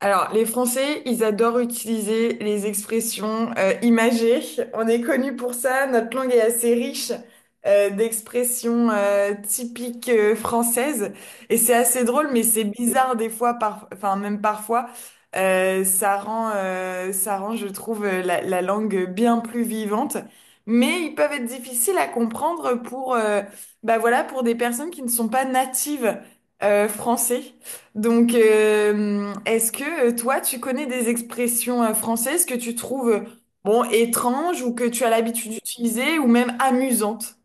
Alors, les Français, ils adorent utiliser les expressions imagées. On est connu pour ça. Notre langue est assez riche d'expressions typiques françaises. Et c'est assez drôle, mais c'est bizarre des fois, enfin même parfois. Ça rend, je trouve, la langue bien plus vivante. Mais ils peuvent être difficiles à comprendre pour, bah voilà, pour des personnes qui ne sont pas natives français. Donc, est-ce que toi, tu connais des expressions françaises que tu trouves, bon, étranges ou que tu as l'habitude d'utiliser ou même amusantes?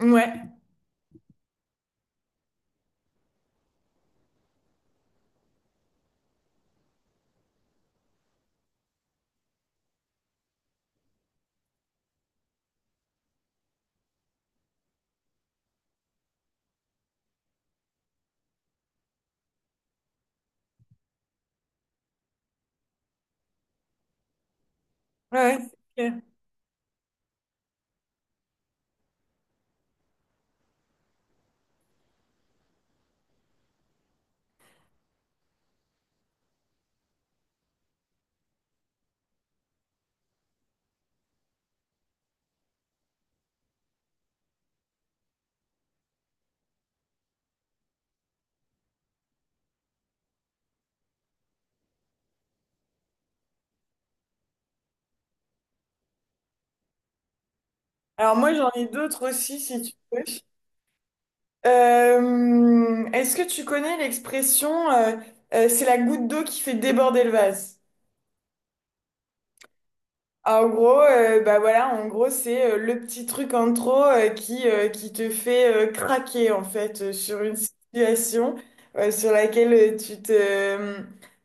Ouais, ouais. C'est clair. Alors moi, j'en ai d'autres aussi, si tu veux. Est-ce que tu connais l'expression, c'est la goutte d'eau qui fait déborder le vase? Ah, en gros, bah voilà, en gros, c'est le petit truc en trop qui te fait craquer en fait sur une situation sur laquelle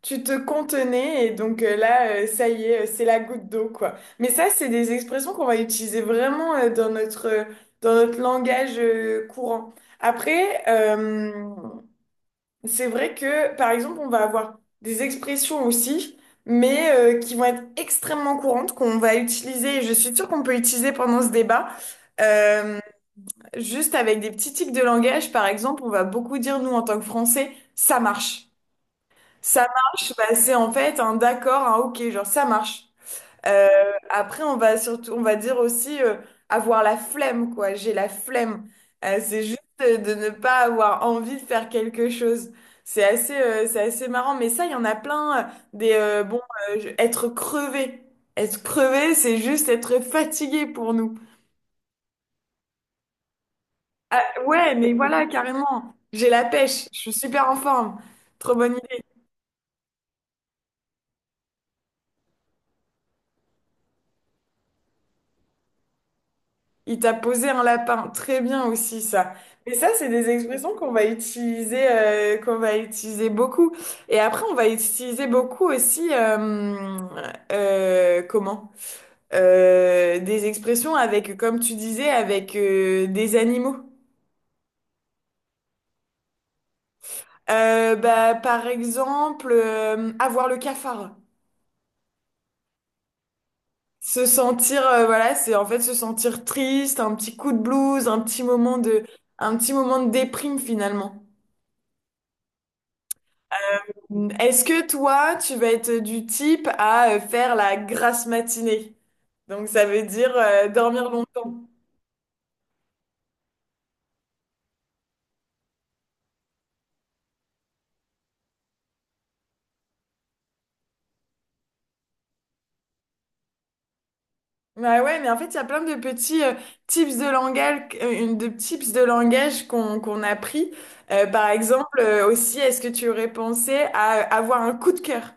tu te contenais et donc ça y est, c'est la goutte d'eau quoi. Mais ça, c'est des expressions qu'on va utiliser vraiment dans notre langage courant. Après, euh, c'est vrai que, par exemple, on va avoir des expressions aussi, mais qui vont être extrêmement courantes, qu'on va utiliser, et je suis sûre qu'on peut utiliser pendant ce débat, euh, juste avec des petits tics de langage. Par exemple, on va beaucoup dire, nous, en tant que Français, ça marche. Ça marche, bah, c'est en fait un d'accord, un ok, genre ça marche. Euh, on va surtout, on va dire aussi avoir la flemme, quoi. J'ai la flemme. C'est juste de ne pas avoir envie de faire quelque chose. C'est assez marrant. Mais ça, il y en a plein. Des Bon, être crevé. Être crevé, c'est juste être fatigué pour nous. Ah, ouais, mais voilà, carrément. J'ai la pêche. Je suis super en forme. Trop bonne idée. Il t'a posé un lapin. Très bien aussi, ça. Mais ça, c'est des expressions qu'on va utiliser beaucoup. Et après, on va utiliser beaucoup aussi, comment? Des expressions avec, comme tu disais, avec des animaux. Par exemple, avoir le cafard. Se sentir, voilà, c'est en fait se sentir triste, un petit coup de blues, un petit moment de déprime finalement. Est-ce que toi, tu vas être du type à faire la grasse matinée? Donc ça veut dire dormir longtemps. Bah ouais, mais en fait, il y a plein de petits tips de langage, de tips de langage qu'on a pris. Aussi, est-ce que tu aurais pensé à avoir un coup de cœur?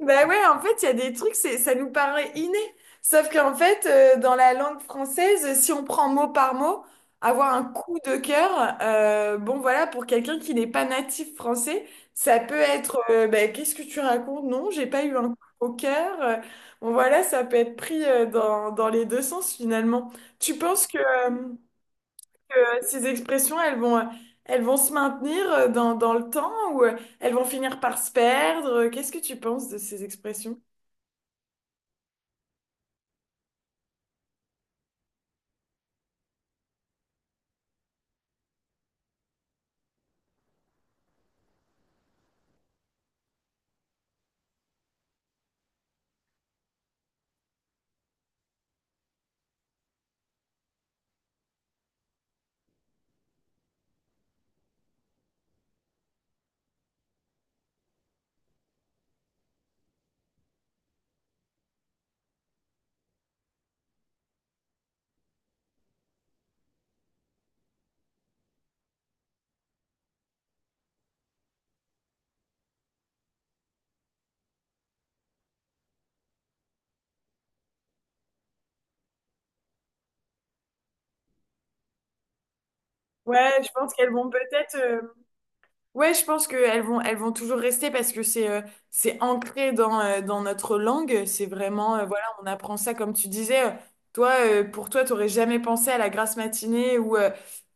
Bah ouais, en fait, il y a des trucs, ça nous paraît inné. Sauf qu'en fait, dans la langue française, si on prend mot par mot, avoir un coup de cœur, bon voilà, pour quelqu'un qui n'est pas natif français, ça peut être, bah, qu'est-ce que tu racontes? Non, j'ai pas eu un coup au cœur. Bon voilà, ça peut être pris dans les deux sens finalement. Tu penses que ces expressions, elles vont se maintenir dans le temps ou elles vont finir par se perdre? Qu'est-ce que tu penses de ces expressions? Ouais, je pense qu'elles vont peut-être, euh, Ouais, je pense qu'elles vont, elles vont toujours rester parce que c'est ancré dans, dans notre langue. C'est vraiment, voilà, on apprend ça comme tu disais. Toi, pour toi, t'aurais jamais pensé à la grasse matinée ou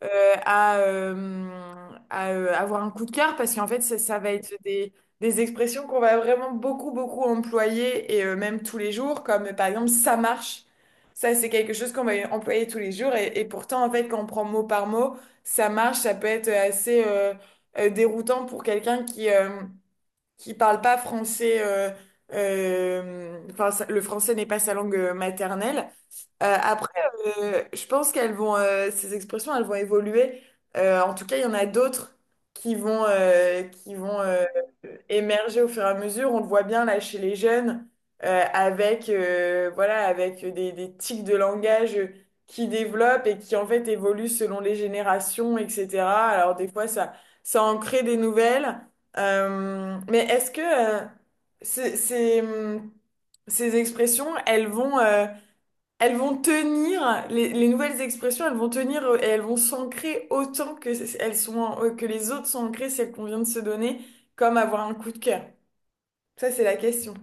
euh, à, euh, avoir un coup de cœur parce qu'en fait, ça va être des expressions qu'on va vraiment beaucoup, beaucoup employer et même tous les jours, comme par exemple ça marche. Ça, c'est quelque chose qu'on va employer tous les jours et pourtant, en fait, quand on prend mot par mot, ça marche, ça peut être assez. Déroutant pour quelqu'un qui parle pas français. Enfin, le français n'est pas sa langue maternelle. Euh, après, je pense qu'elles vont, ces expressions, elles vont évoluer. En tout cas, il y en a d'autres qui vont, émerger au fur et à mesure. On le voit bien là chez les jeunes, avec, voilà, avec des tics de langage qui développent et qui en fait évoluent selon les générations, etc. Alors des fois, ça en crée des nouvelles. Mais est-ce que c'est, c'est, hum, ces expressions, elles vont tenir, les nouvelles expressions, elles vont tenir et elles vont s'ancrer autant que, elles sont, que les autres sont ancrées, celles qu'on vient de se donner, comme avoir un coup de cœur. Ça, c'est la question.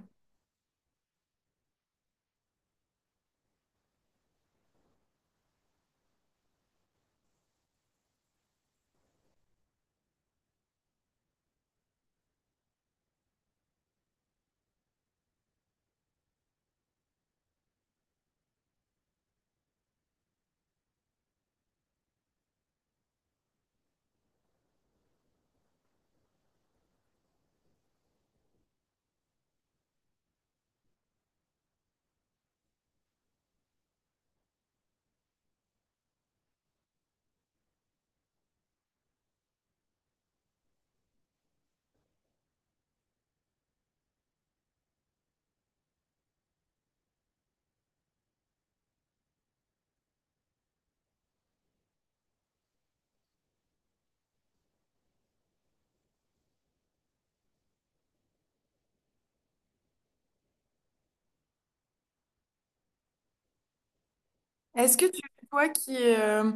Est-ce que tu, Toi qui,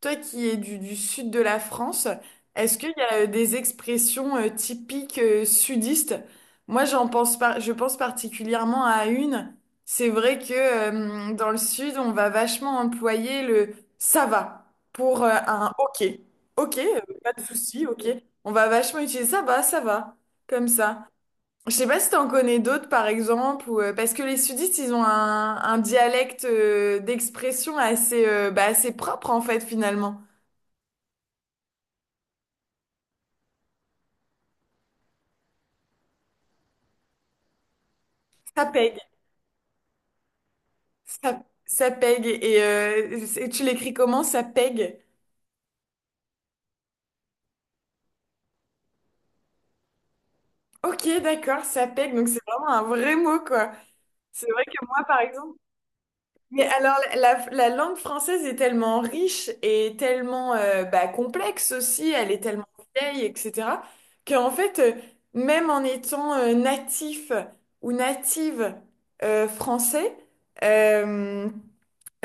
toi qui es du sud de la France, est-ce qu'il y a des expressions typiques sudistes? Moi, je pense particulièrement à une. C'est vrai que dans le sud, on va vachement employer le ça va pour un ok. Ok, pas de souci, ok. On va vachement utiliser ça va, comme ça. Je sais pas si t'en connais d'autres, par exemple, ou, parce que les sudistes, ils ont un dialecte d'expression assez, bah, assez propre, en fait, finalement. Ça pègue. Ça pègue. Et tu l'écris comment? Ça pègue. Ok, d'accord, ça pègue. Donc, c'est vraiment un vrai mot, quoi. C'est vrai que moi, par exemple, mais alors, la langue française est tellement riche et tellement bah, complexe aussi, elle est tellement vieille, etc., qu'en fait, même en étant natif ou native français, euh,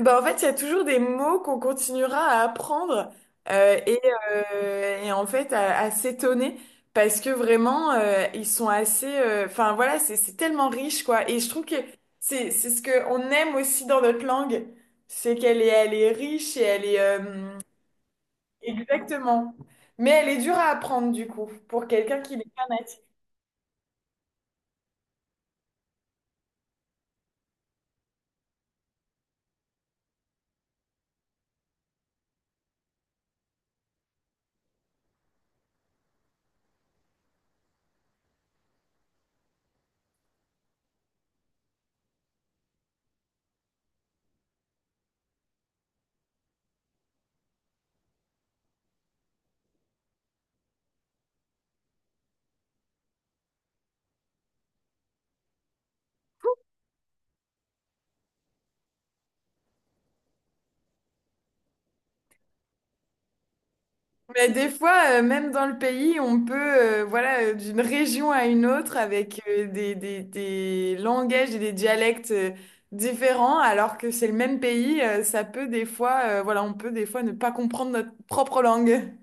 bah, en fait, il y a toujours des mots qu'on continuera à apprendre euh, et, et en fait à s'étonner parce que vraiment ils sont assez. Enfin voilà, c'est tellement riche quoi. Et je trouve que c'est ce que on aime aussi dans notre langue, c'est qu'elle est elle est riche et elle est exactement. Mais elle est dure à apprendre du coup pour quelqu'un qui n'est pas natif. Mais des fois, même dans le pays, on peut, voilà, d'une région à une autre avec des langages et des dialectes différents, alors que c'est le même pays, ça peut des fois, voilà, on peut des fois ne pas comprendre notre propre langue.